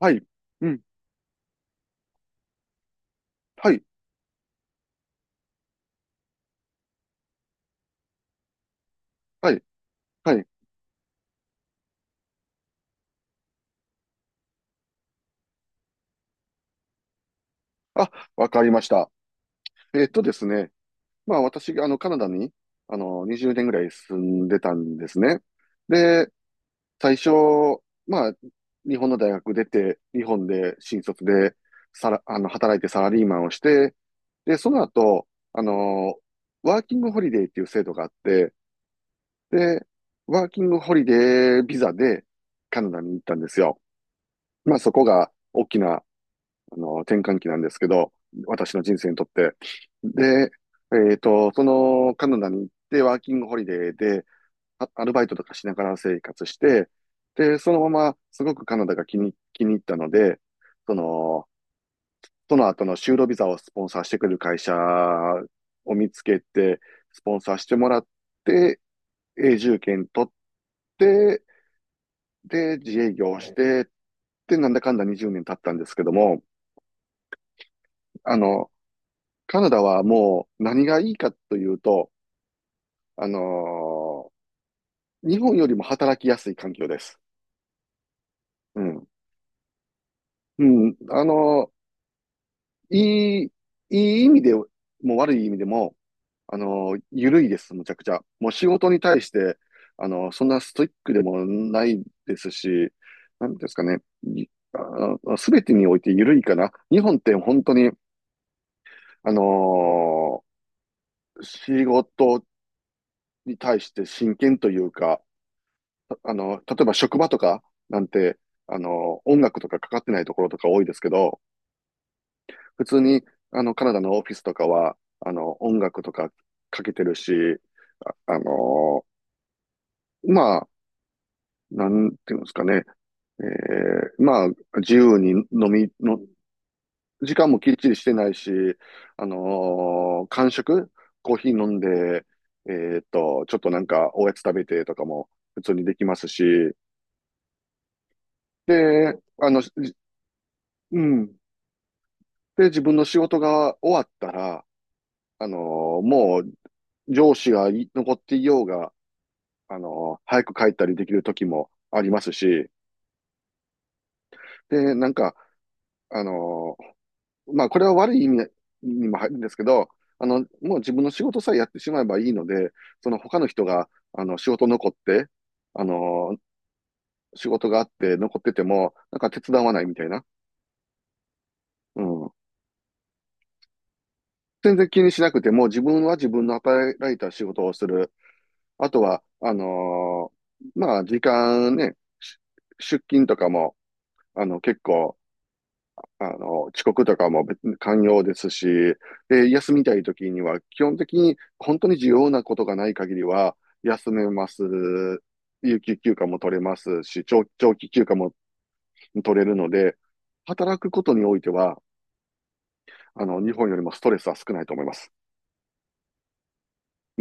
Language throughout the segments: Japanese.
はい。うん。はい。はい。はい。あ、わかりました。えっとですね。私がカナダに20年ぐらい住んでたんですね。で、最初、まあ日本の大学出て、日本で新卒でさら、あの働いてサラリーマンをして、で、その後、あの、ワーキングホリデーっていう制度があって、で、ワーキングホリデービザでカナダに行ったんですよ。まあそこが大きな転換期なんですけど、私の人生にとって。で、そのカナダに行ってワーキングホリデーで、アルバイトとかしながら生活して、で、そのまますごくカナダが気に入ったので、その、その後の就労ビザをスポンサーしてくれる会社を見つけて、スポンサーしてもらって、永住権取って、で、自営業をして、で、なんだかんだ20年経ったんですけども、あの、カナダはもう何がいいかというと、あのー日本よりも働きやすい環境です。うん。うん。いい、いい意味でも悪い意味でも、緩いです、むちゃくちゃ。もう仕事に対して、そんなストイックでもないですし、なんてですかね。すべてにおいて緩いかな。日本って本当に、あの仕事に対して真剣というか、あの、例えば職場とかなんて、あの、音楽とかかかってないところとか多いですけど、普通に、あの、カナダのオフィスとかは、あの、音楽とかかけてるし、あの、まあ、なんていうんですかね、えーまあ、自由に飲みの、時間もきっちりしてないし、間食、コーヒー飲んで、えちょっとなんかおやつ食べてとかも普通にできますし、で、あの、うん、で、自分の仕事が終わったら、あのもう上司が残っていようが、早く帰ったりできる時もありますし、で、なんか、あのまあ、これは悪い意味にも入るんですけど、あの、もう自分の仕事さえやってしまえばいいので、その他の人が、あの、仕事残って、あのー仕事があって残ってても、なんか手伝わないみたいな。うん。全然気にしなくても、自分は自分の与えられた仕事をする。あとは、まあ、時間ね、出勤とかも、あの、結構、あの、遅刻とかも別に寛容ですし、で、休みたい時には、基本的に本当に重要なことがない限りは、休めます。有給休暇も取れますし、長期休暇も取れるので、働くことにおいては、あの、日本よりもストレスは少ないと思います。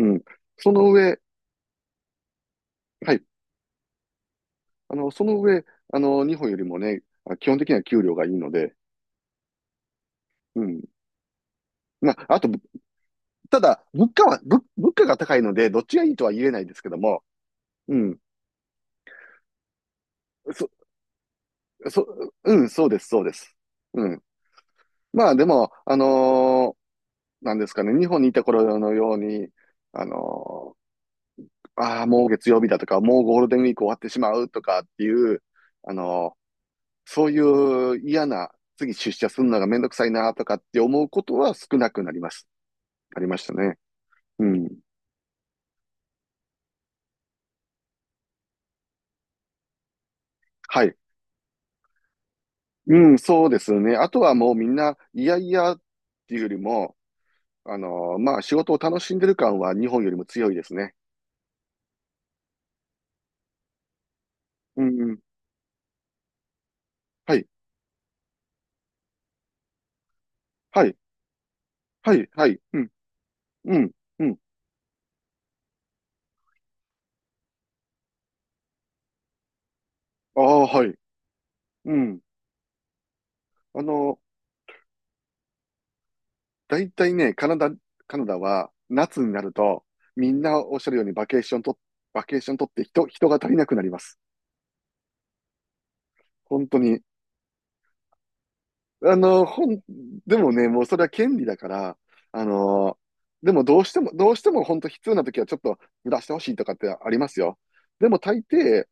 うん。その上、はい。あの、その上、あの、日本よりもね、基本的には給料がいいので、うん。まあ、あと、ただ、物価が高いので、どっちがいいとは言えないですけども、うん。そ、そ、うん、そうです、そうです。うん。まあ、でも、なんですかね、日本にいた頃のように、あのああ、もう月曜日だとか、もうゴールデンウィーク終わってしまうとかっていう、あのーそういう嫌な、次出社するのがめんどくさいなとかって思うことは少なくなります。ありましたね。うん。はい。うん、そうですね。あとはもうみんな、いやいやっていうよりも、まあ、仕事を楽しんでる感は日本よりも強いですね。うん、うん。はい、はい、はい、はい。うん、うん、うん。ああ、はい。うん。あのだいたいね、カナダは夏になると、みんなおっしゃるようにバケーションと、バケーション取って人が足りなくなります。本当に。あの、本、でもね、もうそれは権利だから、あの、でもどうしても本当必要な時はちょっとずらしてほしいとかってありますよ。でも大抵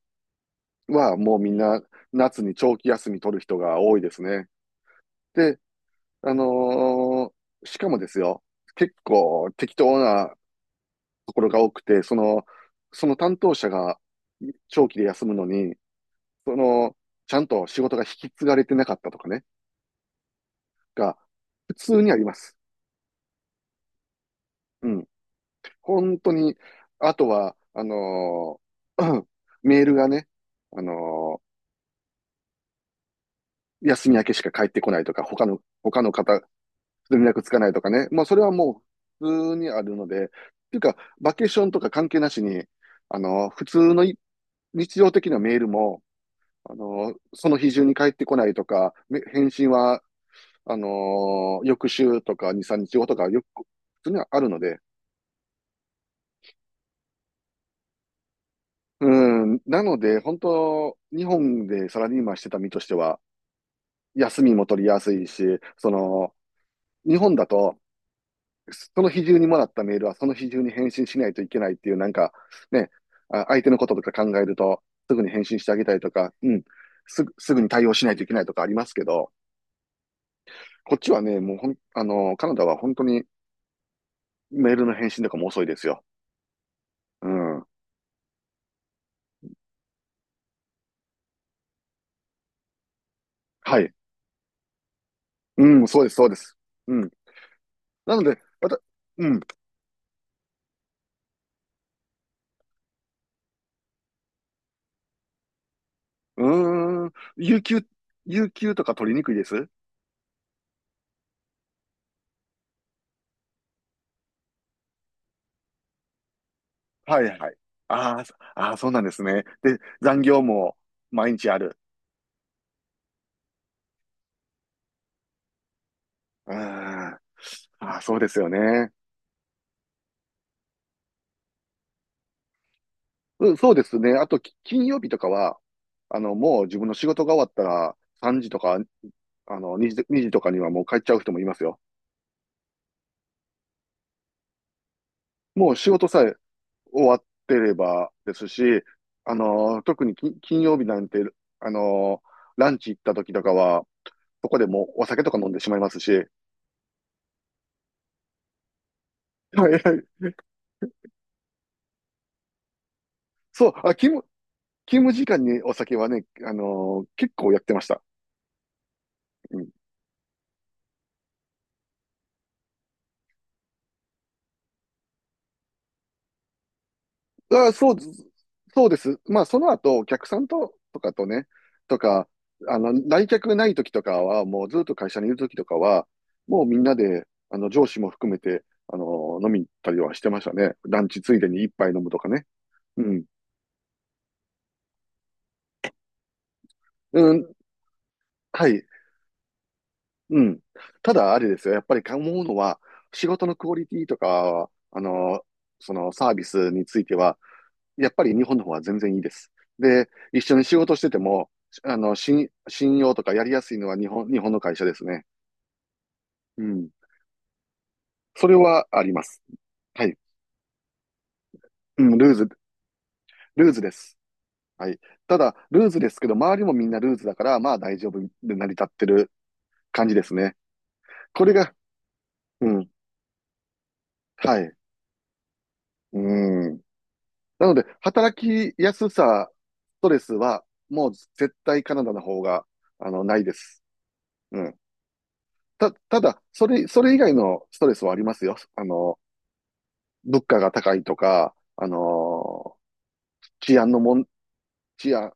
はもうみんな夏に長期休み取る人が多いですね。で、あのーしかもですよ、結構適当なところが多くて、その担当者が長期で休むのに、その、ちゃんと仕事が引き継がれてなかったとかね、が普通にあります。うん。本当に、あとは、ー メールがね、あの休み明けしか返ってこないとか、他の方、連絡つかないとかね。まあ、それはもう、普通にあるので、っていうか、バケーションとか関係なしに、普通のい日常的なメールも、その日中に返ってこないとか、返信は、翌週とか2、3日後とか、よく、普通にはあるので、うん、なので、本当、日本でサラリーマンしてた身としては、休みも取りやすいし、その、日本だと、その日中にもらったメールはその日中に返信しないといけないっていう、なんか、ね、相手のこととか考えると、すぐに返信してあげたりとか、うん、すぐに対応しないといけないとかありますけど、こっちはね、もうほん、あの、カナダは本当にメールの返信とかも遅いですよ。うん。はい。うん、そうです、そうです。うん。なので、また、うん、うーん、有給とか取りにくいですはいはい。あー、そうなんですね。で、残業も毎日ある。うーん。あーそうですよね。うん、そうですね。あと、金曜日とかは、あの、もう自分の仕事が終わったら、3時とか、あの、2時とかにはもう帰っちゃう人もいますよ。もう仕事さえ終わってればですし、あの、特に金曜日なんて、あの、ランチ行った時とかは、そこでもうお酒とか飲んでしまいますし、はいはい。そう、勤務時間にお酒はね、結構やってました。うん。あ、そうです、そうです。まあ、その後、お客さんと、とかとね、とか、あの、来客ない時とかは、もうずっと会社にいる時とかは、もうみんなで、あの、上司も含めて、飲みに行ったりはしてましたね。ランチついでに一杯飲むとかね。うん。うん。はい。うん。ただ、あれですよ。やっぱり思うのは、仕事のクオリティとか、そのサービスについては、やっぱり日本の方は全然いいです。で、一緒に仕事してても、あの、信用とかやりやすいのは日本の会社ですね。うん。それはあります。はい。うん、ルーズです。はい。ただ、ルーズですけど、周りもみんなルーズだから、まあ大丈夫で成り立ってる感じですね。これが、うん、はい。うん。なので、働きやすさ、ストレスは、もう絶対カナダの方が、あの、ないです。うん。ただ、それ以外のストレスはありますよ。あの、物価が高いとか、あの、治安のもん、治安、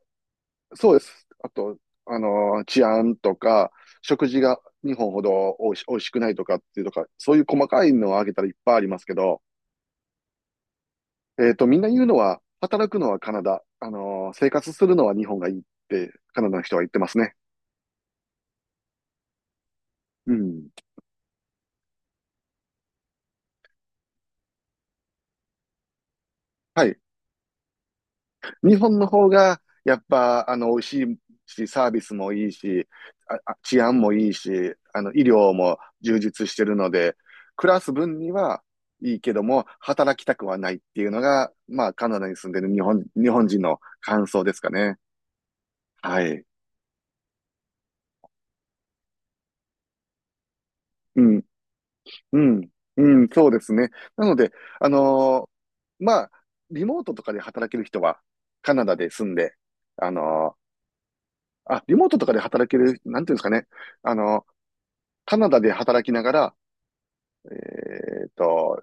そうです。あと、あの、治安とか、食事が日本ほどおいしくないとかっていうとか、そういう細かいのを挙げたらいっぱいありますけど、えっと、みんな言うのは、働くのはカナダ、あの、生活するのは日本がいいって、カナダの人は言ってますね。うん。はい。日本の方が、やっぱ、あの、美味しいし、サービスもいいし、治安もいいし、あの、医療も充実してるので、暮らす分にはいいけども、働きたくはないっていうのが、まあ、カナダに住んでる日本人の感想ですかね。はい。うん、うん、うん、そうですね。なので、あのまあ、リモートとかで働ける人は、カナダで住んで、あのリモートとかで働ける、なんていうんですかね。あのーカナダで働きながら、えっと、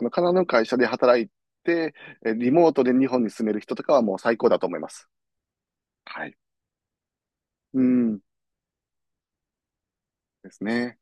あの、カナダの会社で働いて、リモートで日本に住める人とかはもう最高だと思います。はい。うん。ですね。